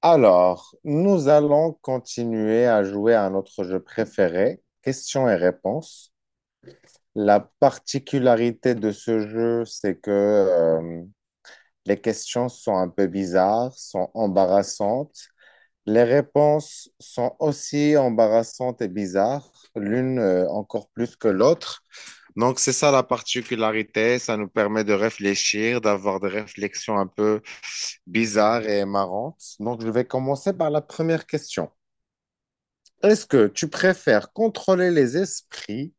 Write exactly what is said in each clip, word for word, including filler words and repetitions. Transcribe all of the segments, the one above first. Alors, nous allons continuer à jouer à notre jeu préféré, questions et réponses. La particularité de ce jeu, c'est que euh, les questions sont un peu bizarres, sont embarrassantes. Les réponses sont aussi embarrassantes et bizarres, l'une euh, encore plus que l'autre. Donc, c'est ça la particularité. Ça nous permet de réfléchir, d'avoir des réflexions un peu bizarres et marrantes. Donc, je vais commencer par la première question. Est-ce que tu préfères contrôler les esprits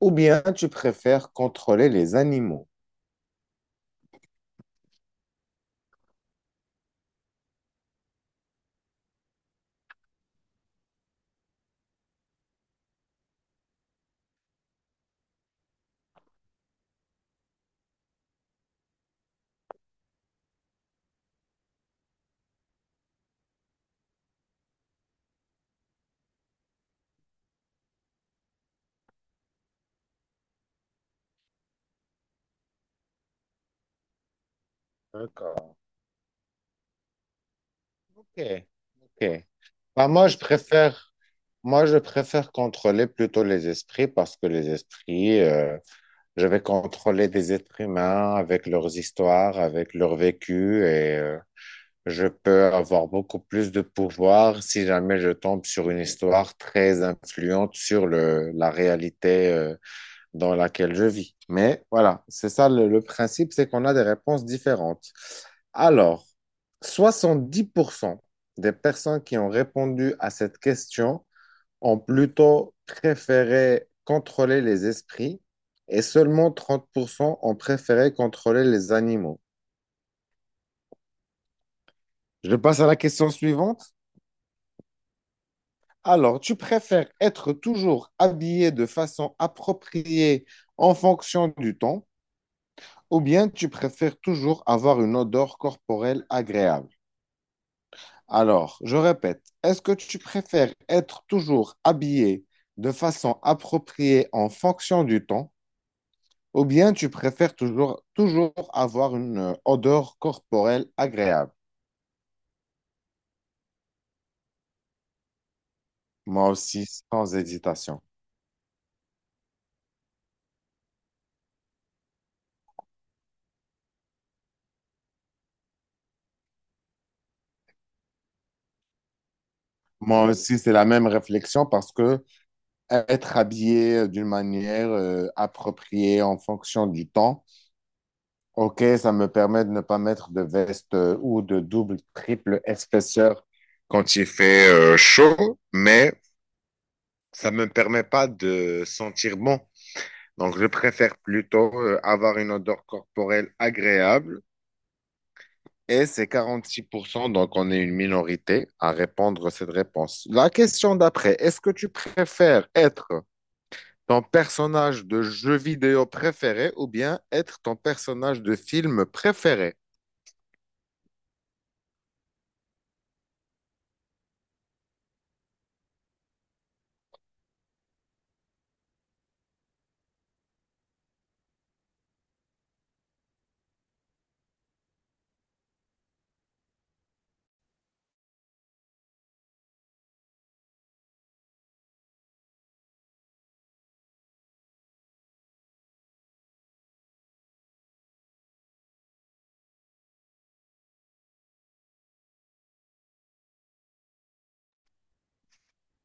ou bien tu préfères contrôler les animaux? D'accord. Ok, ok. Bah, moi, je préfère, moi, je préfère contrôler plutôt les esprits parce que les esprits, euh, je vais contrôler des êtres humains avec leurs histoires, avec leur vécu et euh, je peux avoir beaucoup plus de pouvoir si jamais je tombe sur une histoire très influente sur le, la réalité euh, dans laquelle je vis. Mais voilà, c'est ça le, le principe, c'est qu'on a des réponses différentes. Alors, soixante-dix pour cent des personnes qui ont répondu à cette question ont plutôt préféré contrôler les esprits et seulement trente pour cent ont préféré contrôler les animaux. Je passe à la question suivante. Alors, tu préfères être toujours habillé de façon appropriée en fonction du temps, ou bien tu préfères toujours avoir une odeur corporelle agréable? Alors, je répète, est-ce que tu préfères être toujours habillé de façon appropriée en fonction du temps, ou bien tu préfères toujours, toujours avoir une euh, odeur corporelle agréable? Moi aussi, sans hésitation. Moi aussi, c'est la même réflexion parce que être habillé d'une manière euh, appropriée en fonction du temps. OK, ça me permet de ne pas mettre de veste euh, ou de double, triple épaisseur quand il fait euh, chaud, mais ça me permet pas de sentir bon. Donc, je préfère plutôt euh, avoir une odeur corporelle agréable. Et c'est quarante-six pour cent. Donc on est une minorité à répondre à cette réponse. La question d'après, est-ce que tu préfères être ton personnage de jeu vidéo préféré ou bien être ton personnage de film préféré?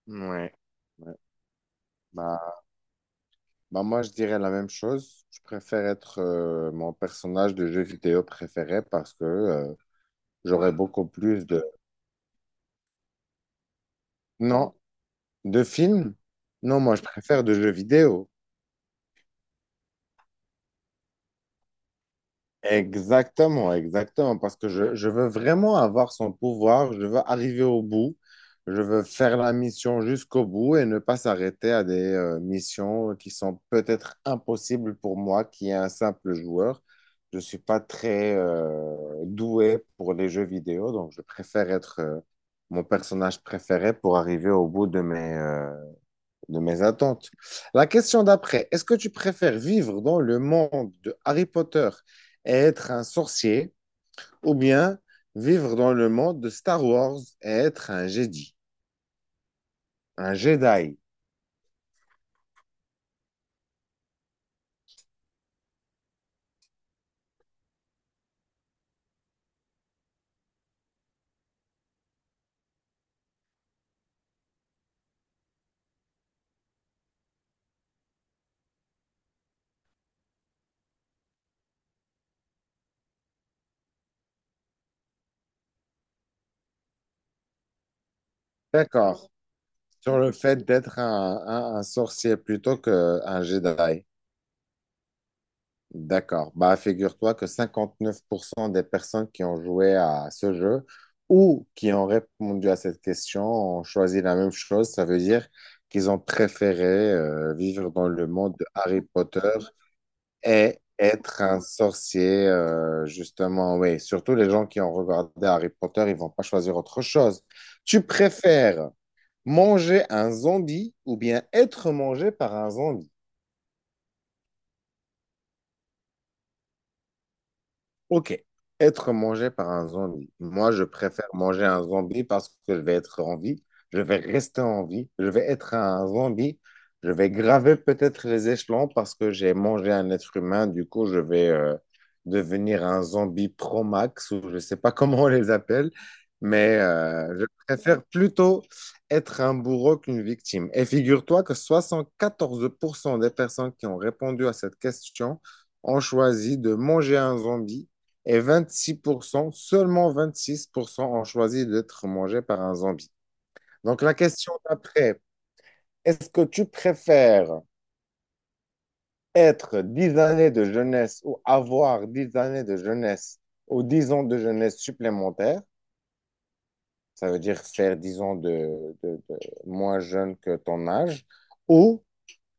Ouais. Ouais. Bah, bah moi, je dirais la même chose. Je préfère être euh, mon personnage de jeu vidéo préféré parce que euh, j'aurais beaucoup plus de… Non, de films? Non, moi, je préfère de jeux vidéo. Exactement, exactement, parce que je, je veux vraiment avoir son pouvoir, je veux arriver au bout, je veux faire la mission jusqu'au bout et ne pas s'arrêter à des euh, missions qui sont peut-être impossibles pour moi, qui est un simple joueur. Je suis pas très euh, doué pour les jeux vidéo, donc je préfère être euh, mon personnage préféré pour arriver au bout de mes, euh, de mes attentes. La question d'après, est-ce que tu préfères vivre dans le monde de Harry Potter et être un sorcier ou bien vivre dans le monde de Star Wars et être un Jedi, un Jedi? D'accord, sur le fait d'être un, un- un sorcier plutôt qu'un Jedi. D'accord. Bah, figure-toi que cinquante-neuf pour cent des personnes qui ont joué à ce jeu ou qui ont répondu à cette question ont choisi la même chose. Ça veut dire qu'ils ont préféré euh, vivre dans le monde de Harry Potter et être un sorcier, euh, justement. Oui, surtout les gens qui ont regardé Harry Potter, ils vont pas choisir autre chose. Tu préfères manger un zombie ou bien être mangé par un zombie? Ok. Être mangé par un zombie. Moi, je préfère manger un zombie parce que je vais être en vie, je vais rester en vie, je vais être un zombie, je vais graver peut-être les échelons parce que j'ai mangé un être humain, du coup, je vais euh, devenir un zombie pro-max ou je ne sais pas comment on les appelle, mais euh, je préfère plutôt être un bourreau qu'une victime. Et figure-toi que soixante quatorze pour cent des personnes qui ont répondu à cette question ont choisi de manger un zombie et vingt-six pour cent, seulement vingt-six pour cent ont choisi d'être mangés par un zombie. Donc la question d'après, est-ce que tu préfères être dix années de jeunesse ou avoir dix années de jeunesse ou dix ans de jeunesse supplémentaires, ça veut dire faire dix ans de, de- de moins jeune que ton âge, ou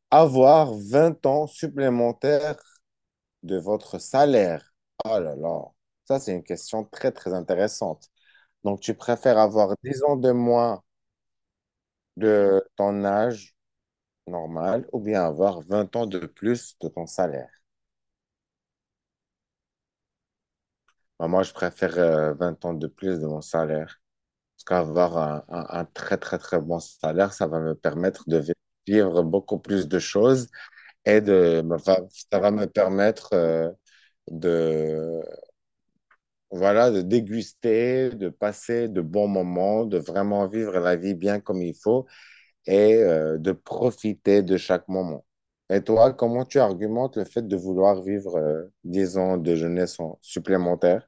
avoir vingt ans supplémentaires de votre salaire. Oh là là, ça c'est une question très très intéressante. Donc, tu préfères avoir dix ans de moins de ton âge normal ou bien avoir vingt ans de plus de ton salaire? Bah, moi, je préfère euh, vingt ans de plus de mon salaire. Parce qu'avoir un, un- un très, très, très bon salaire, ça va me permettre de vi- vivre beaucoup plus de choses et de, me fa- ça va me permettre euh, de, voilà, de déguster, de passer de bons moments, de vraiment vivre la vie bien comme il faut et euh, de profiter de chaque moment. Et toi, comment tu argumentes le fait de vouloir vivre euh, dix ans de jeunesse en- supplémentaire?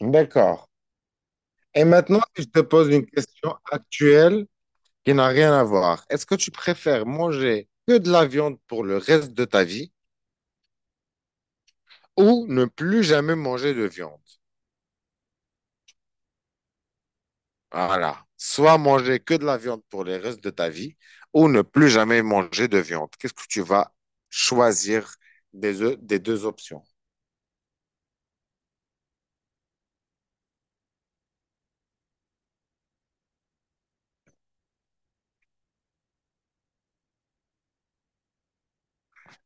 D'accord. Et maintenant, si je te pose une question actuelle qui n'a rien à voir, est-ce que tu préfères manger que de la viande pour le reste de ta vie ou ne plus jamais manger de viande? Voilà. Soit manger que de la viande pour le reste de ta vie ou ne plus jamais manger de viande. Qu'est-ce que tu vas choisir des, o- des deux options?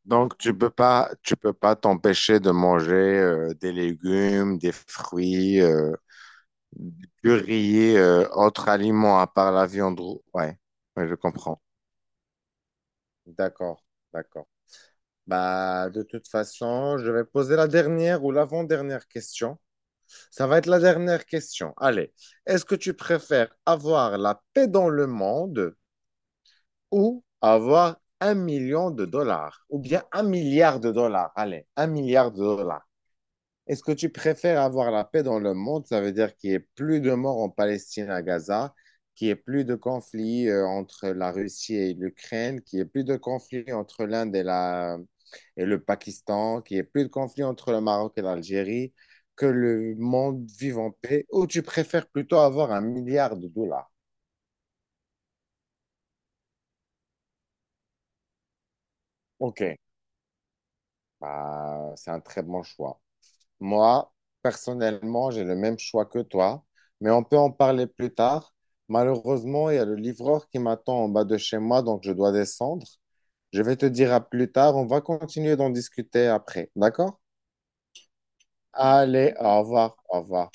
Donc, tu peux pas, tu peux pas t'empêcher de manger euh, des légumes, des fruits, euh, des purées, euh, autres aliments à part la viande. rou- Ouais, ouais, je comprends. D'accord, d'accord. Bah, de toute façon, je vais poser la dernière ou l'avant-dernière question. Ça va être la dernière question. Allez, est-ce que tu préfères avoir la paix dans le monde ou avoir un million de dollars ou bien un milliard de dollars? Allez, un milliard de dollars. Est-ce que tu préfères avoir la paix dans le monde? Ça veut dire qu'il n'y ait plus de morts en Palestine à Gaza, qu'il n'y ait plus de conflits euh, entre la Russie et l'Ukraine, qu'il n'y ait plus de conflits entre l'Inde et la, et le Pakistan, qu'il n'y ait plus de conflits entre le Maroc et l'Algérie, que le monde vive en paix, ou tu préfères plutôt avoir un milliard de dollars? Ok, bah, c'est un très bon choix. Moi, personnellement, j'ai le même choix que toi, mais on peut en parler plus tard. Malheureusement, il y a le livreur qui m'attend en bas de chez moi, donc je dois descendre. Je vais te dire à plus tard, on va continuer d'en discuter après, d'accord? Allez, au revoir, au revoir.